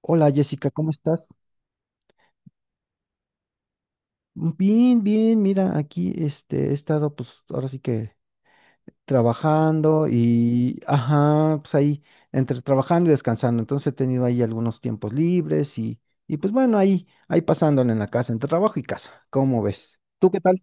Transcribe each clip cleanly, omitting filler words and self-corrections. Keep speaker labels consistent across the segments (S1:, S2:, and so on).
S1: Hola Jessica, ¿cómo estás? Bien, bien, mira, aquí este, he estado pues ahora sí que trabajando y, ajá, pues ahí entre trabajando y descansando. Entonces he tenido ahí algunos tiempos libres y pues bueno, ahí, ahí pasándole en la casa, entre trabajo y casa, ¿cómo ves? ¿Tú qué tal?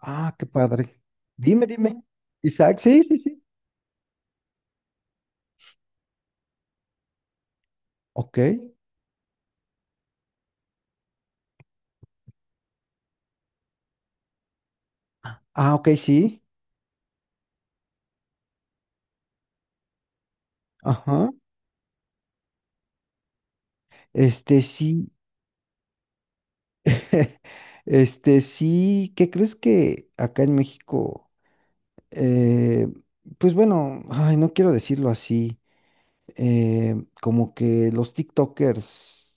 S1: Ah, qué padre. Dime, dime. Isaac, sí, sí, sí. Ok. Ah, ok, sí. Ajá. Este sí. Este sí, ¿qué crees que acá en México? eh, pues bueno, ay, no quiero decirlo así, eh, como que los TikTokers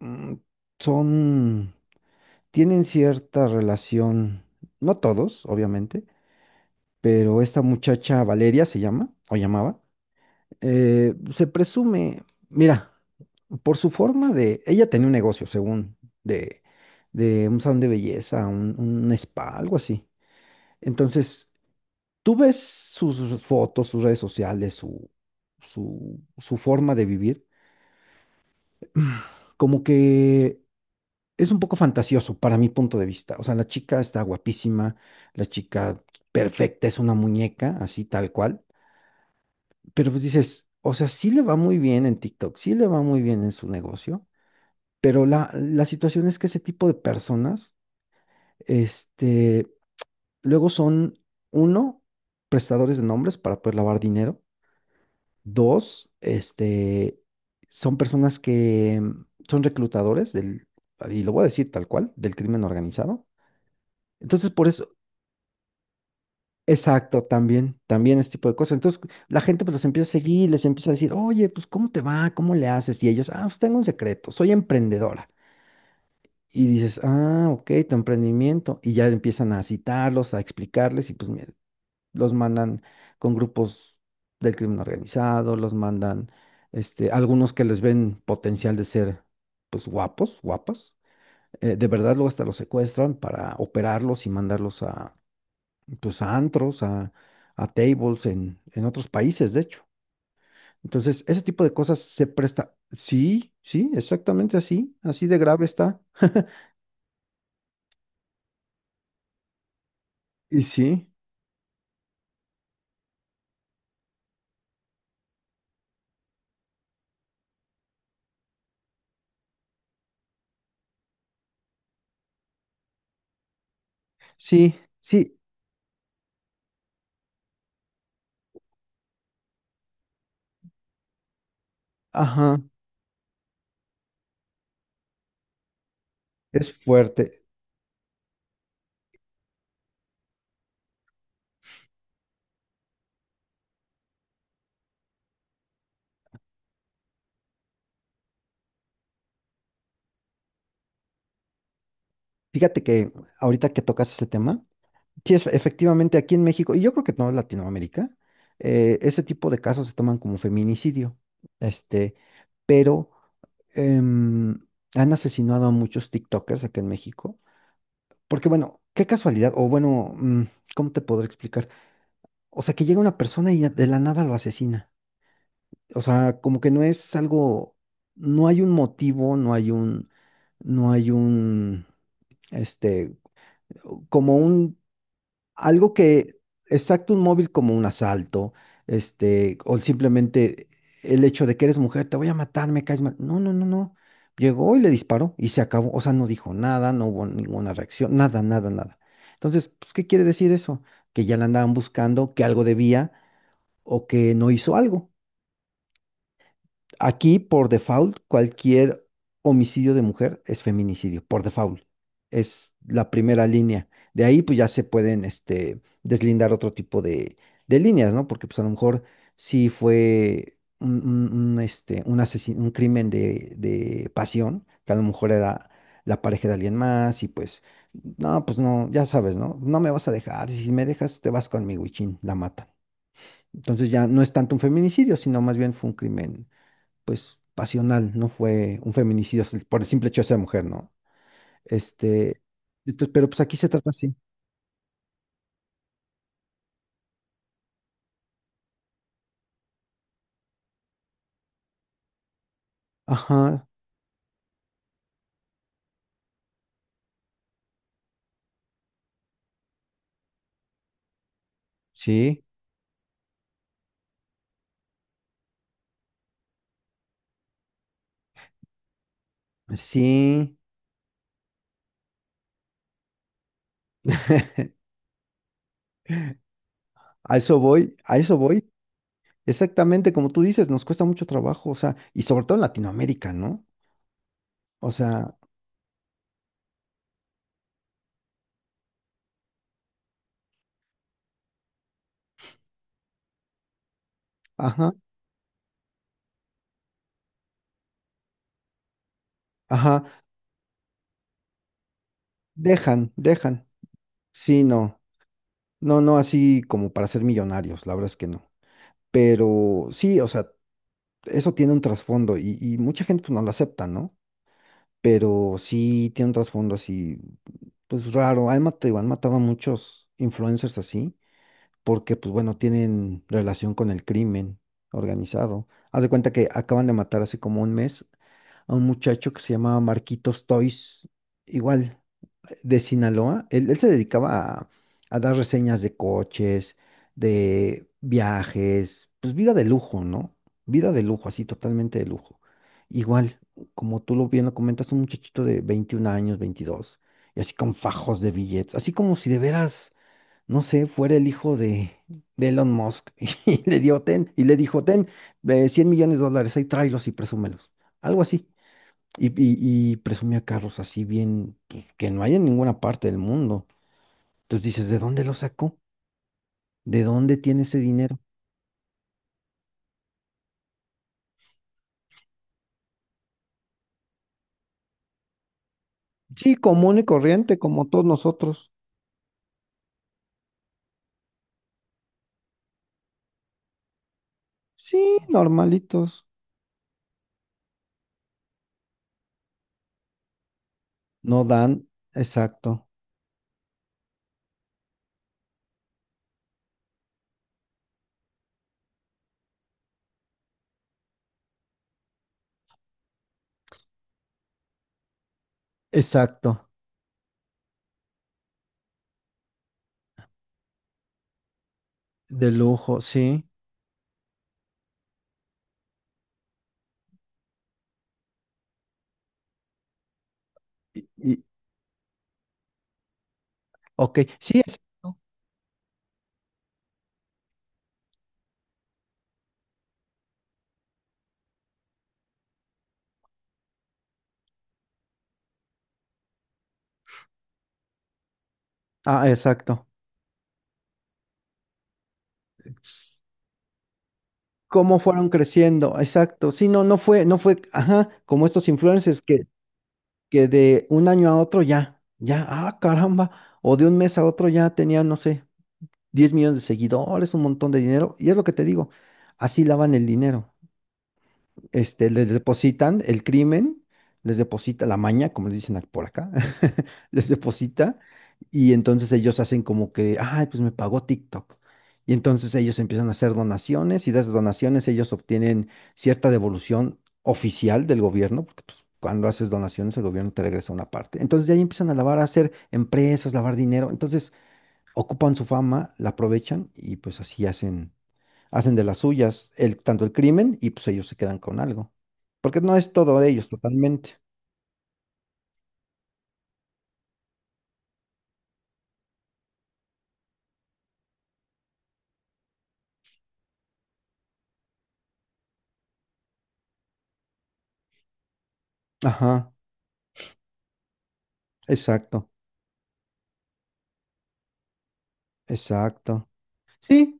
S1: mm, son, tienen cierta relación, no todos, obviamente, pero esta muchacha Valeria se llama, o llamaba, se presume, mira, por su forma de, ella tenía un negocio, según, de, de un salón de belleza, un spa, algo así. Entonces, tú ves sus fotos, sus redes sociales, su forma de vivir, como que es un poco fantasioso para mi punto de vista. O sea, la chica está guapísima, la chica perfecta, es una muñeca, así tal cual. Pero pues dices, o sea, sí le va muy bien en TikTok, sí le va muy bien en su negocio, pero la situación es que ese tipo de personas, este, luego son, uno, prestadores de nombres para poder lavar dinero. Dos, este, son personas que son reclutadores del, y lo voy a decir tal cual, del crimen organizado. Entonces, por eso, exacto, también, también este tipo de cosas. Entonces, la gente pues los empieza a seguir, les empieza a decir, oye, pues, ¿cómo te va? ¿Cómo le haces? Y ellos, ah, pues tengo un secreto, soy emprendedora. Y dices, ah, ok, tu emprendimiento. Y ya empiezan a citarlos, a explicarles, y pues, mira, los mandan con grupos del crimen organizado, los mandan, este, algunos que les ven potencial de ser, pues, guapos, guapas. De verdad, luego hasta los secuestran para operarlos y mandarlos a, pues, a antros, a tables en otros países, de hecho. Entonces, ese tipo de cosas se presta. Sí, sí, exactamente así, así de grave está. Y sí, sí, sí, ajá, es fuerte. Fíjate que ahorita que tocas ese tema, sí, es- efectivamente, aquí en México, y yo creo que no en Latinoamérica, ese tipo de casos se toman como feminicidio. Este, pero em, han asesinado a muchos TikTokers aquí en México. Porque, bueno, qué casualidad, o bueno, ¿cómo te podré explicar? O sea, que llega una persona y de la nada lo asesina. O sea, como que no es algo, no hay un motivo, no hay un, no hay un, este, como un algo que, exacto, un móvil como un asalto, este, o simplemente el hecho de que eres mujer, te voy a matar, me caes mal. No, no, no, no. Llegó y le disparó y se acabó. O sea, no dijo nada, no hubo ninguna reacción, nada, nada, nada. Entonces, pues, ¿qué quiere decir eso? Que ya la andaban buscando, que algo debía o que no hizo algo. Aquí, por default, cualquier homicidio de mujer es feminicidio, por default. Es la primera línea. De ahí, pues ya se pueden, este, deslindar otro tipo de líneas, ¿no? Porque, pues a lo mejor sí fue un, este, un asesin- un crimen de pasión, que a lo mejor era la pareja de alguien más y pues no, ya sabes, ¿no? No me vas a dejar, si me dejas, te vas conmigo y chin, la matan. Entonces ya no es tanto un feminicidio, sino más bien fue un crimen pues, pasional, no fue un feminicidio s- por el simple hecho de ser mujer, ¿no? Este, entonces, pero pues aquí se trata así. Ajá, sí, sí. A eso voy, a eso voy. Exactamente como tú dices, nos cuesta mucho trabajo, o sea, y sobre todo en Latinoamérica, ¿no? O sea, ajá, ajá, dejan, dejan. Sí, no, no, no así como para ser millonarios, la verdad es que no. Pero sí, o sea, eso tiene un trasfondo y mucha gente pues no lo acepta, ¿no? Pero sí tiene un trasfondo así, pues raro. Han matado a muchos influencers así, porque pues bueno, tienen relación con el crimen organizado. Haz de cuenta que acaban de matar hace como un mes a un muchacho que se llamaba Marquitos Toys, igual de Sinaloa. Él se dedicaba a dar reseñas de coches, de viajes, pues vida de lujo, ¿no? Vida de lujo, así totalmente de lujo. Igual, como tú lo bien lo comentas, un muchachito de 21 años, 22, y así con fajos de billetes, así como si de veras, no sé, fuera el hijo de Elon Musk. Y le dio ten, y le dijo, ten, $100 millones, ahí tráelos y presúmelos. Algo así. Y presumía carros así bien, pues que no hay en ninguna parte del mundo. Entonces dices, ¿de dónde lo sacó? ¿De dónde tiene ese dinero? Sí, común y corriente, como todos nosotros. Sí, normalitos. No dan, exacto, exacto, de lujo, sí. Y- ok, sí, exacto. Ah, exacto. Ts- ¿Cómo fueron creciendo? Exacto. Sí, no, no fue, no fue, ajá, como estos influencers que de un año a otro ya, ya, ah, caramba, o de un mes a otro ya tenía, no sé, 10 millones de seguidores, un montón de dinero, y es lo que te digo, así lavan el dinero. Este, les depositan el crimen, les deposita la maña, como les dicen ac- por acá, les deposita y entonces ellos hacen como que, ay, pues me pagó TikTok. Y entonces ellos empiezan a hacer donaciones y de esas donaciones ellos obtienen cierta devolución oficial del gobierno, porque pues, cuando haces donaciones el gobierno te regresa una parte. Entonces de ahí empiezan a lavar, a hacer empresas, lavar dinero. Entonces ocupan su fama, la aprovechan y pues así hacen de las suyas el, tanto el crimen y pues ellos se quedan con algo. Porque no es todo de ellos totalmente. Ajá, exacto, exacto. Sí,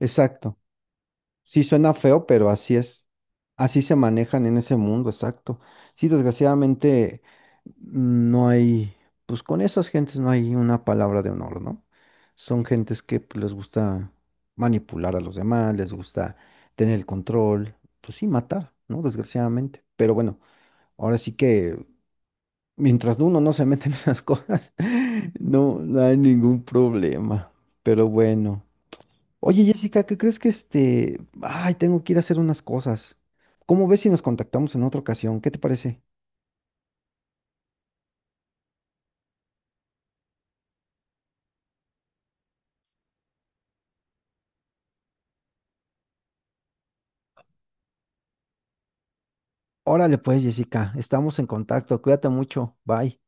S1: exacto. Sí, suena feo, pero así es. Así se manejan en ese mundo, exacto. Sí, desgraciadamente no hay, pues con esas gentes no hay una palabra de honor, ¿no? Son gentes que pues, les gusta manipular a los demás, les gusta tener el control, pues sí, matar, ¿no? Desgraciadamente. Pero bueno. Ahora sí que mientras uno no se mete en esas cosas, no, no hay ningún problema. Pero bueno. Oye, Jessica, ¿qué crees que este... Ay, tengo que ir a hacer unas cosas. ¿Cómo ves si nos contactamos en otra ocasión? ¿Qué te parece? Órale pues, Jessica, estamos en contacto. Cuídate mucho. Bye.